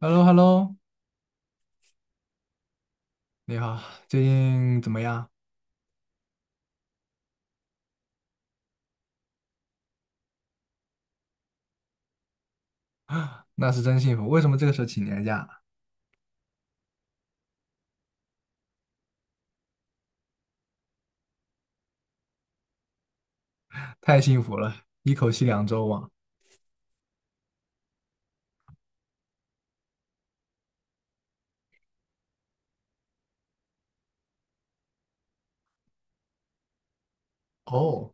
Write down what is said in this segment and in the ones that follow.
h e l l o h e l l o 你好，最近怎么样？那是真幸福。为什么这个时候请年假？太幸福了，一口气两周嘛。哦，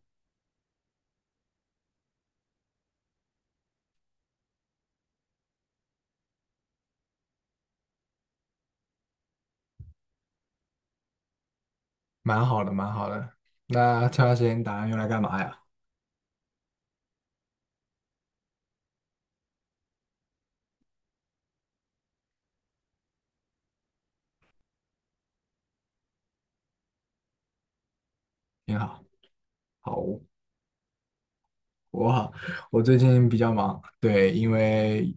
蛮好的，蛮好的。那这段时间你打算用来干嘛呀？你好。好，我我最近比较忙，对，因为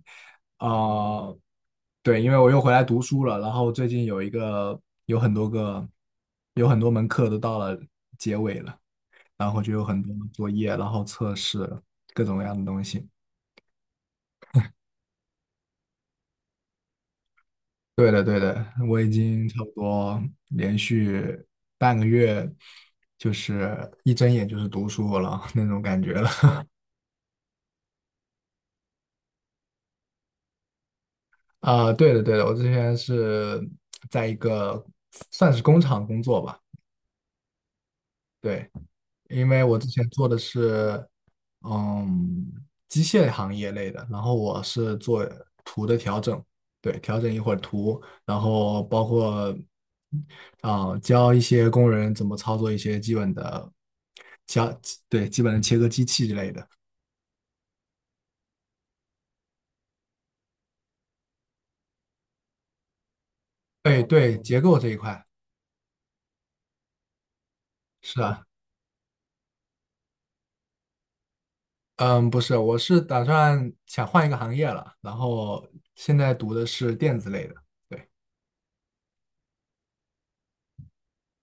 啊，对，因为我又回来读书了，然后最近有很多个有很多门课都到了结尾了，然后就有很多作业，然后测试各种各样的东西。对的，对的，我已经差不多连续半个月，就是一睁眼就是读书了 那种感觉了。对的，对的，我之前是在一个算是工厂工作吧，对，因为我之前做的是，嗯，机械行业类的，然后我是做图的调整，对，调整一会儿图，然后包括教一些工人怎么操作一些基本的切，对，基本的切割机器之类的。对对，结构这一块是啊，嗯，不是，我是打算想换一个行业了，然后现在读的是电子类的，对，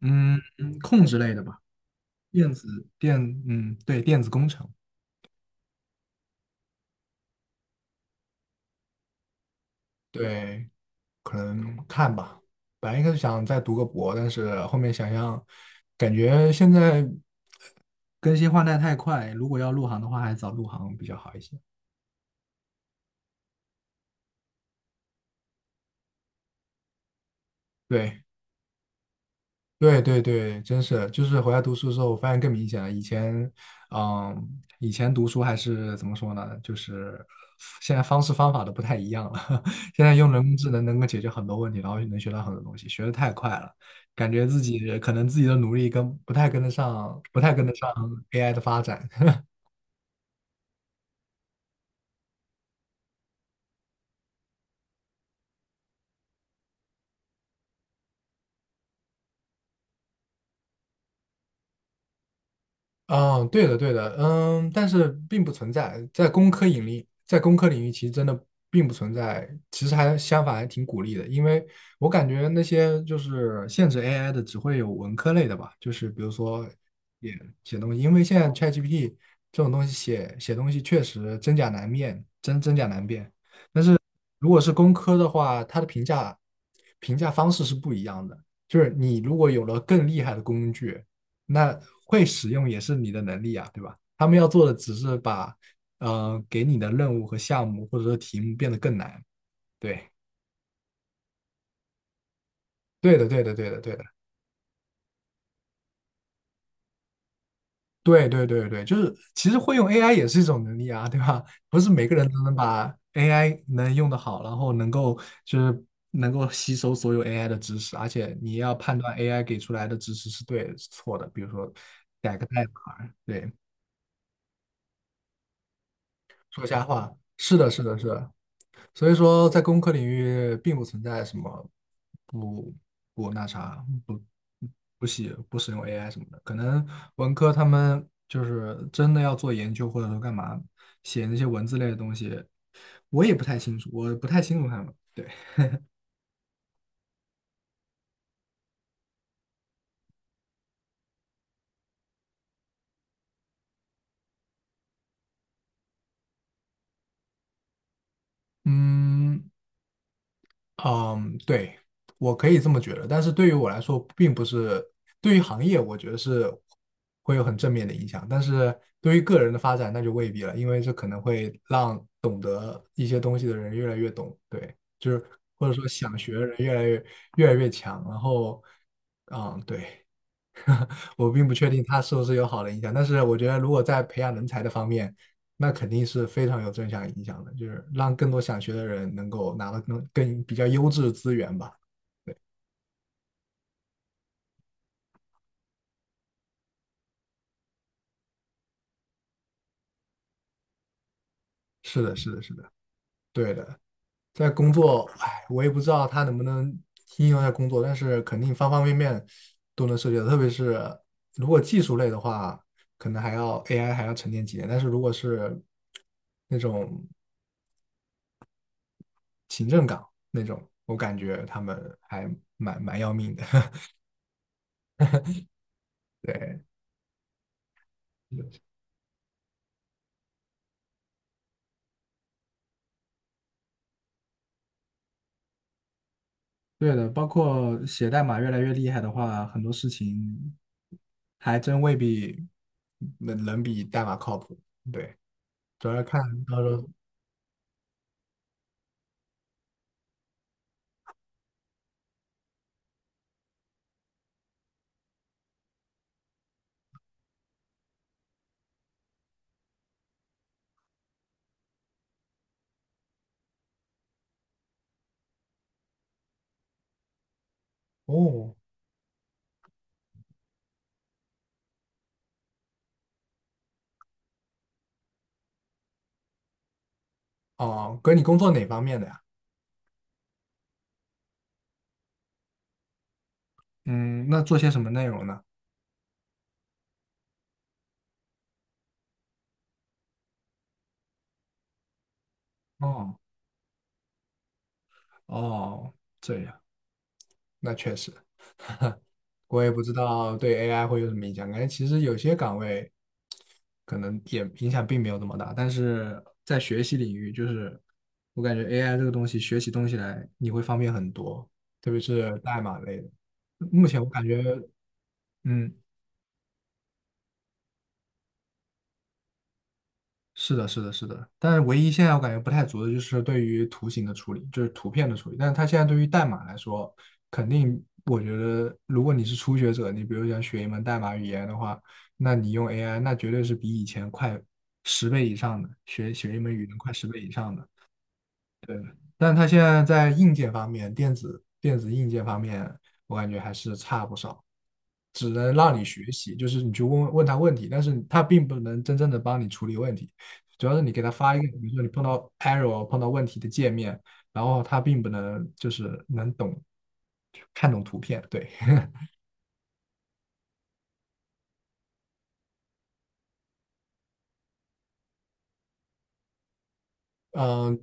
嗯，控制类的吧。电子电，嗯，对，电子工程。对，可能看吧。本来一开始想再读个博，但是后面想想，感觉现在更新换代太快，如果要入行的话，还是早入行比较好一些。对。对对对，真是，就是回来读书的时候，我发现更明显了。嗯，以前读书还是怎么说呢？就是现在方式方法都不太一样了。现在用人工智能能够解决很多问题，然后能学到很多东西，学的太快了，感觉自己的努力跟不太跟得上，不太跟得上 AI 的发展。嗯，对的，对的，嗯，但是并不存在在工科引力，在工科领域其实真的并不存在，其实还相反还挺鼓励的，因为我感觉那些就是限制 AI 的只会有文科类的吧，就是比如说写写东西，因为现在 ChatGPT 这种东西写东西确实真假难辨，如果是工科的话，它的评价方式是不一样的。就是你如果有了更厉害的工具，那会使用也是你的能力啊，对吧？他们要做的只是把给你的任务和项目或者说题目变得更难。对，对的，对的，对的，对的。对对对对，就是其实会用 AI 也是一种能力啊，对吧？不是每个人都能把 AI 能用得好，然后能够吸收所有 AI 的知识，而且你要判断 AI 给出来的知识是对是错的，比如说改个代码，对，说瞎话，是的，是的，是的。所以说，在工科领域并不存在什么不不那啥，不不写不使用 AI 什么的，可能文科他们就是真的要做研究或者说干嘛写那些文字类的东西，我不太清楚他们。对，嗯，嗯，对，我可以这么觉得，但是对于我来说，并不是对于行业，我觉得是会有很正面的影响，但是对于个人的发展，那就未必了，因为这可能会让懂得一些东西的人越来越懂，对，就是或者说想学的人越来越强，然后，嗯，对。我并不确定它是不是有好的影响，但是我觉得如果在培养人才的方面，那肯定是非常有正向影响的，就是让更多想学的人能够拿到更比较优质的资源吧。是的，是的，是的，对的。在工作，哎，我也不知道它能不能应用在工作，但是肯定方方面面都能涉及到，特别是如果技术类的话，可能还要 AI 还要沉淀几年，但是如果是那种行政岗那种，我感觉他们还蛮要命的。对，对的，包括写代码越来越厉害的话，很多事情还真未必能比代码靠谱。对，主要看到时候哦哦，哥，你工作哪方面的呀？嗯，那做些什么内容呢？哦哦，这样，那确实。我也不知道对 AI 会有什么影响。感觉其实有些岗位可能也影响并没有那么大，但是在学习领域，就是我感觉 AI 这个东西学起东西来你会方便很多，特别是代码类的。目前我感觉，嗯，是的，是的，是的，但是唯一现在我感觉不太足的就是对于图形的处理，就是图片的处理。但是它现在对于代码来说，肯定我觉得，如果你是初学者，你比如想学一门代码语言的话，那你用 AI，那绝对是比以前快十倍以上的，学一门语言快十倍以上的。对，但它现在在硬件方面，电子硬件方面，我感觉还是差不少，只能让你学习，就是你去问问他问题，但是他并不能真正的帮你处理问题，主要是你给他发一个，比如说你碰到问题的界面，然后他并不能就是能懂看懂图片，对，嗯、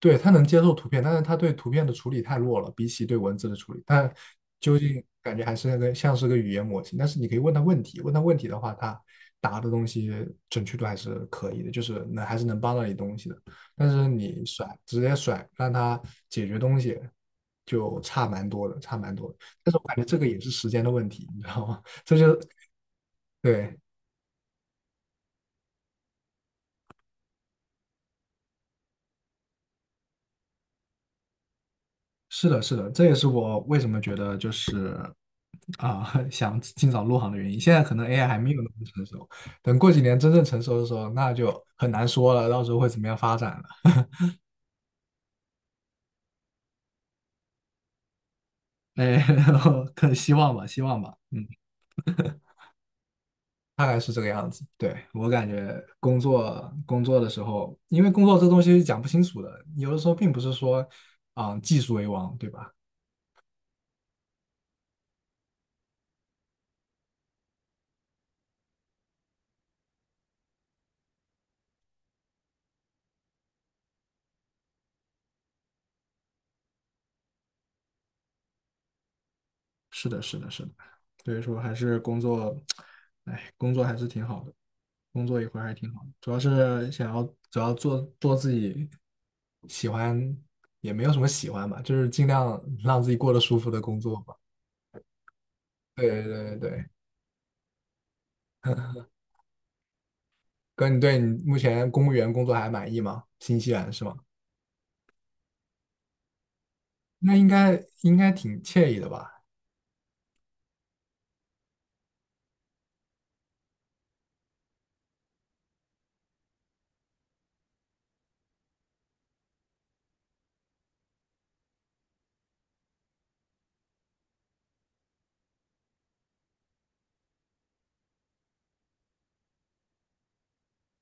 对，他能接受图片，但是他对图片的处理太弱了，比起对文字的处理，但究竟感觉还是那个像是个语言模型。但是你可以问他问题的话，他答的东西准确度还是可以的，就是能还是能帮到你东西的。但是你直接让他解决东西，就差蛮多的，差蛮多的。但是我感觉这个也是时间的问题，你知道吗？这就对。是的，是的，这也是我为什么觉得就是想尽早入行的原因。现在可能 AI 还没有那么成熟，等过几年真正成熟的时候，那就很难说了，到时候会怎么样发展了。哎，然后可希望吧，希望吧。嗯，对，我感觉工作的时候，因为工作这东西是讲不清楚的，有的时候并不是说技术为王，对吧？是的，是的，是的，所以说还是工作，哎，工作还是挺好的，工作一会儿还挺好的，主要是想要主要做做自己喜欢，也没有什么喜欢吧，就是尽量让自己过得舒服的工作吧。对对对对，哥，你对你目前公务员工作还满意吗？新西兰是吗？那应该应该挺惬意的吧？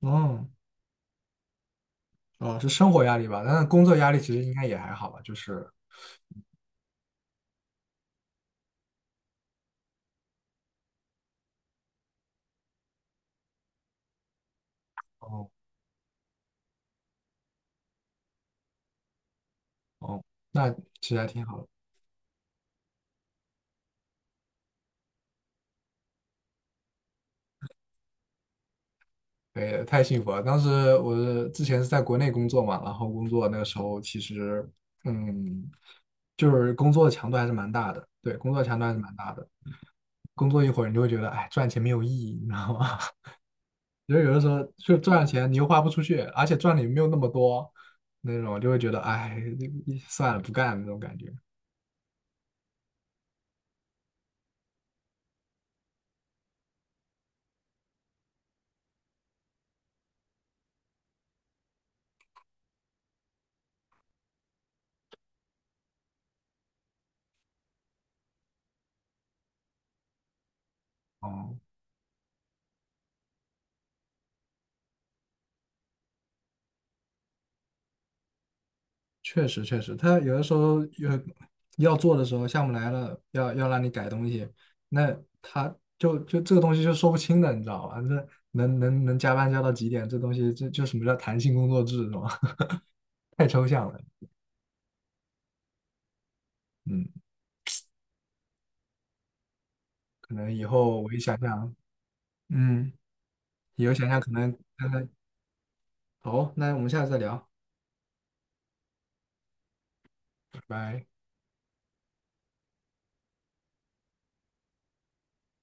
哦哦，是生活压力吧？但是工作压力其实应该也还好吧，就是哦哦，那其实还挺好的。对，太幸福了。当时我之前是在国内工作嘛，然后工作那个时候其实，嗯，就是工作的强度还是蛮大的。对，工作强度还是蛮大的。工作一会儿，你就会觉得，哎，赚钱没有意义，你知道吗？就是有的时候就赚了钱，你又花不出去，而且赚的也没有那么多，那种就会觉得，哎，算了，不干了那种感觉。哦、确实确实，他有的时候要做的时候，项目来了，要让你改东西，那他就这个东西就说不清的，你知道吧？这能加班加到几点？这东西这就什么叫弹性工作制，是吧？太抽象了。嗯，可能以后我一想想，嗯，以后想想可能看看。好，那我们下次再聊，拜拜。